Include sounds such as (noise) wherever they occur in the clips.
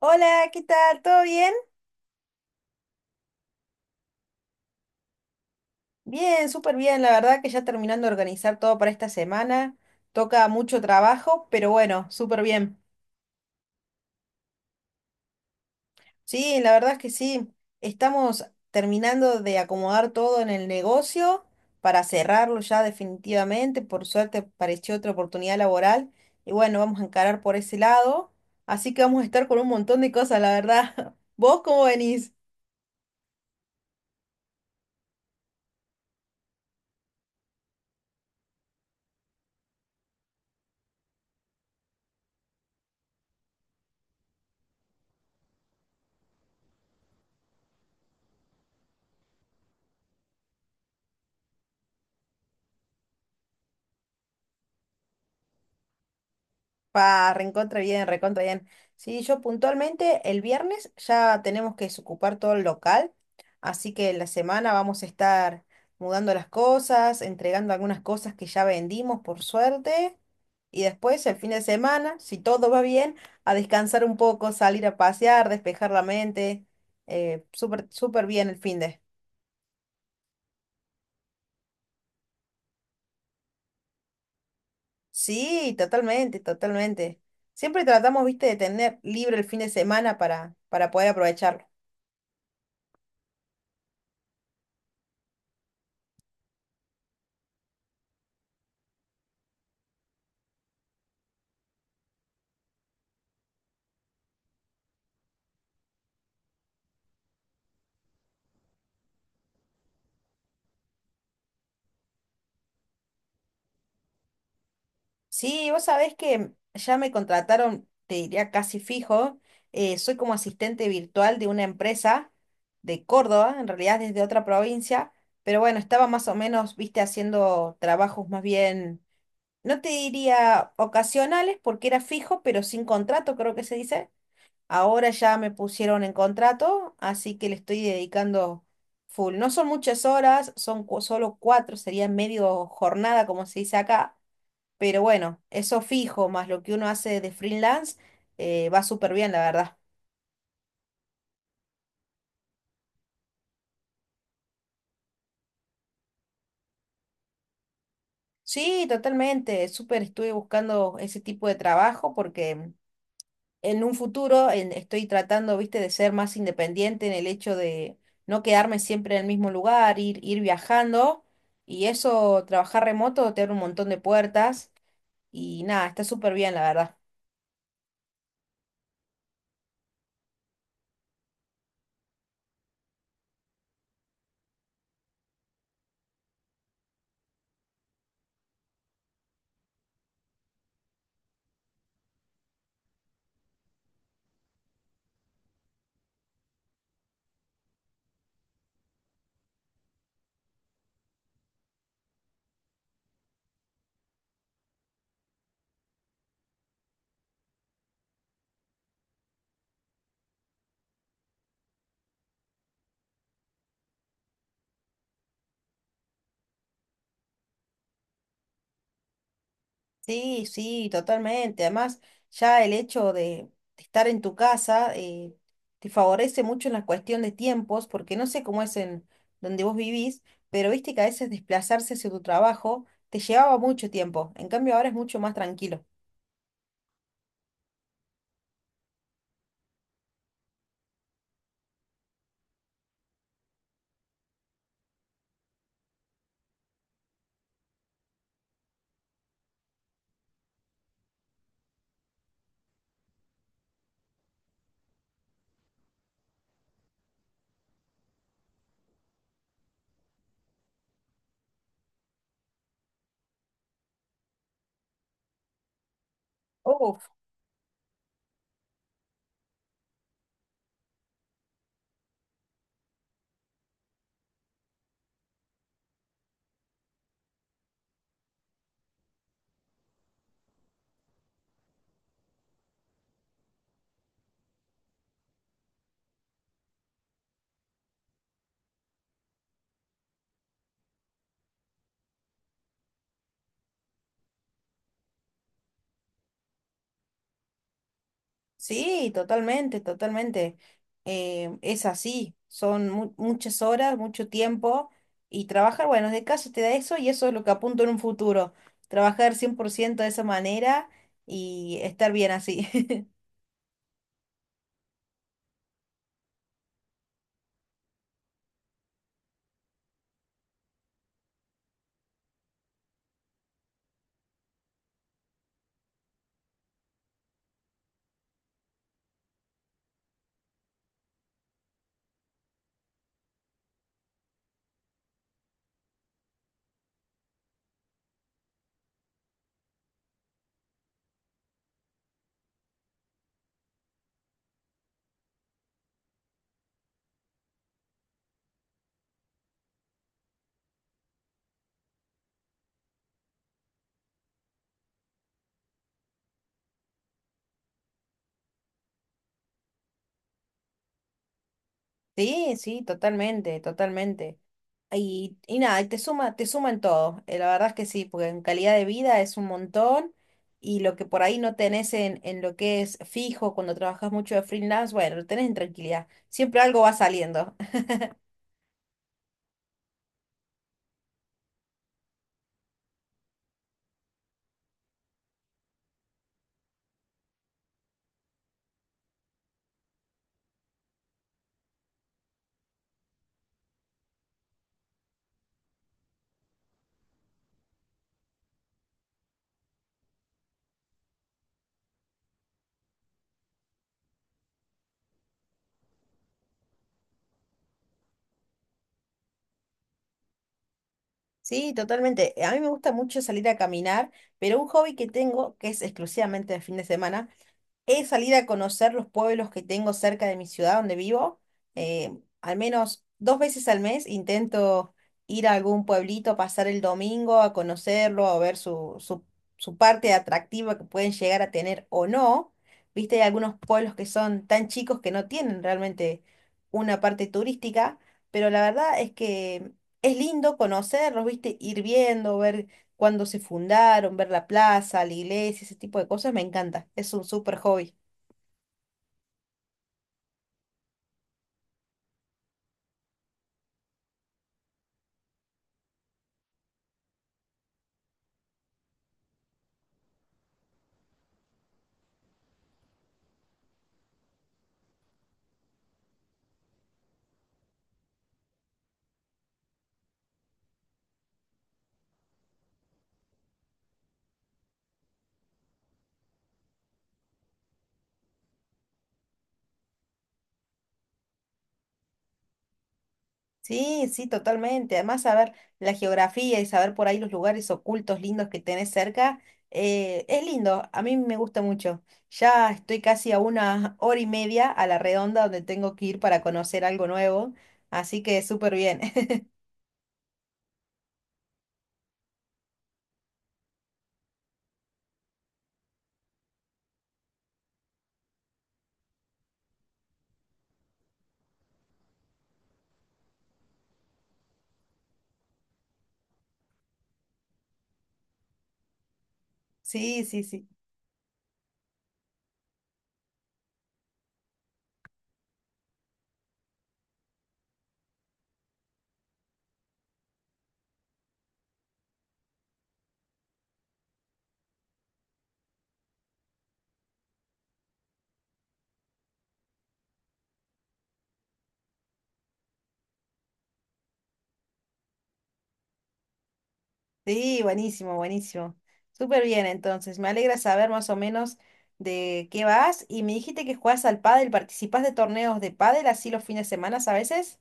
Hola, ¿qué tal? ¿Todo bien? Bien, súper bien. La verdad que ya terminando de organizar todo para esta semana. Toca mucho trabajo, pero bueno, súper bien. Sí, la verdad es que sí. Estamos terminando de acomodar todo en el negocio para cerrarlo ya definitivamente. Por suerte apareció otra oportunidad laboral y bueno, vamos a encarar por ese lado. Así que vamos a estar con un montón de cosas, la verdad. (laughs) ¿Vos cómo venís? Pa, recontra bien, recontra bien. Sí, yo puntualmente el viernes ya tenemos que desocupar todo el local, así que la semana vamos a estar mudando las cosas, entregando algunas cosas que ya vendimos, por suerte, y después el fin de semana, si todo va bien, a descansar un poco, salir a pasear, despejar la mente, súper, súper bien el fin de. Sí, totalmente, totalmente. Siempre tratamos, viste, de tener libre el fin de semana para poder aprovecharlo. Sí, vos sabés que ya me contrataron, te diría casi fijo. Soy como asistente virtual de una empresa de Córdoba, en realidad desde otra provincia, pero bueno, estaba más o menos, viste, haciendo trabajos más bien, no te diría ocasionales porque era fijo, pero sin contrato, creo que se dice. Ahora ya me pusieron en contrato, así que le estoy dedicando full. No son muchas horas, son solo cuatro, sería medio jornada, como se dice acá, pero bueno, eso fijo, más lo que uno hace de freelance, va súper bien, la verdad. Sí, totalmente, súper estuve buscando ese tipo de trabajo porque en un futuro estoy tratando, viste, de ser más independiente en el hecho de no quedarme siempre en el mismo lugar, ir viajando y eso, trabajar remoto te abre un montón de puertas y nada, está súper bien, la verdad. Sí, sí, totalmente. Además, ya el hecho de estar en tu casa, te favorece mucho en la cuestión de tiempos, porque no sé cómo es en donde vos vivís, pero viste que a veces desplazarse hacia tu trabajo te llevaba mucho tiempo. En cambio, ahora es mucho más tranquilo. Sí, totalmente, totalmente. Es así, son muchas horas, mucho tiempo, y trabajar, bueno, de casa te da eso, y eso es lo que apunto en un futuro, trabajar 100% de esa manera y estar bien así. (laughs) Sí, sí, totalmente, totalmente. Y nada, y te suma en todo. La verdad es que sí, porque en calidad de vida es un montón, y lo que por ahí no tenés en lo que es fijo cuando trabajas mucho de freelance, bueno, lo tenés en tranquilidad. Siempre algo va saliendo. (laughs) Sí, totalmente. A mí me gusta mucho salir a caminar, pero un hobby que tengo, que es exclusivamente de fin de semana, es salir a conocer los pueblos que tengo cerca de mi ciudad donde vivo. Al menos dos veces al mes intento ir a algún pueblito, pasar el domingo a conocerlo, a ver su parte atractiva que pueden llegar a tener o no. Viste, hay algunos pueblos que son tan chicos que no tienen realmente una parte turística, pero la verdad es que es lindo conocerlos, viste, ir viendo, ver cuándo se fundaron, ver la plaza, la iglesia, ese tipo de cosas, me encanta. Es un súper hobby. Sí, sí, totalmente. Además, saber la geografía y saber por ahí los lugares ocultos lindos que tenés cerca, es lindo. A mí me gusta mucho. Ya estoy casi a 1 hora y media a la redonda donde tengo que ir para conocer algo nuevo. Así que súper bien. (laughs) Sí, sí, sí. Sí, buenísimo, buenísimo. Súper bien, entonces. Me alegra saber más o menos de qué vas. Y me dijiste que jugás al pádel, participás de torneos de pádel así los fines de semana a veces.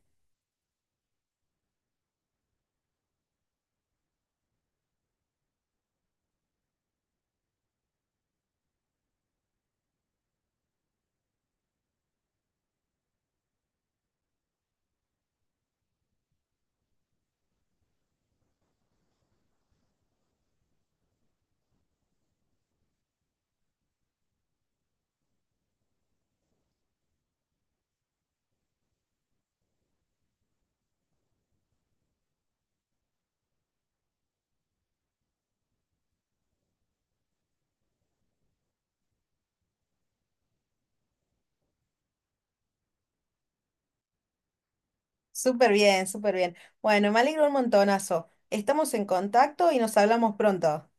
Súper bien, súper bien. Bueno, me alegro un montonazo. Estamos en contacto y nos hablamos pronto.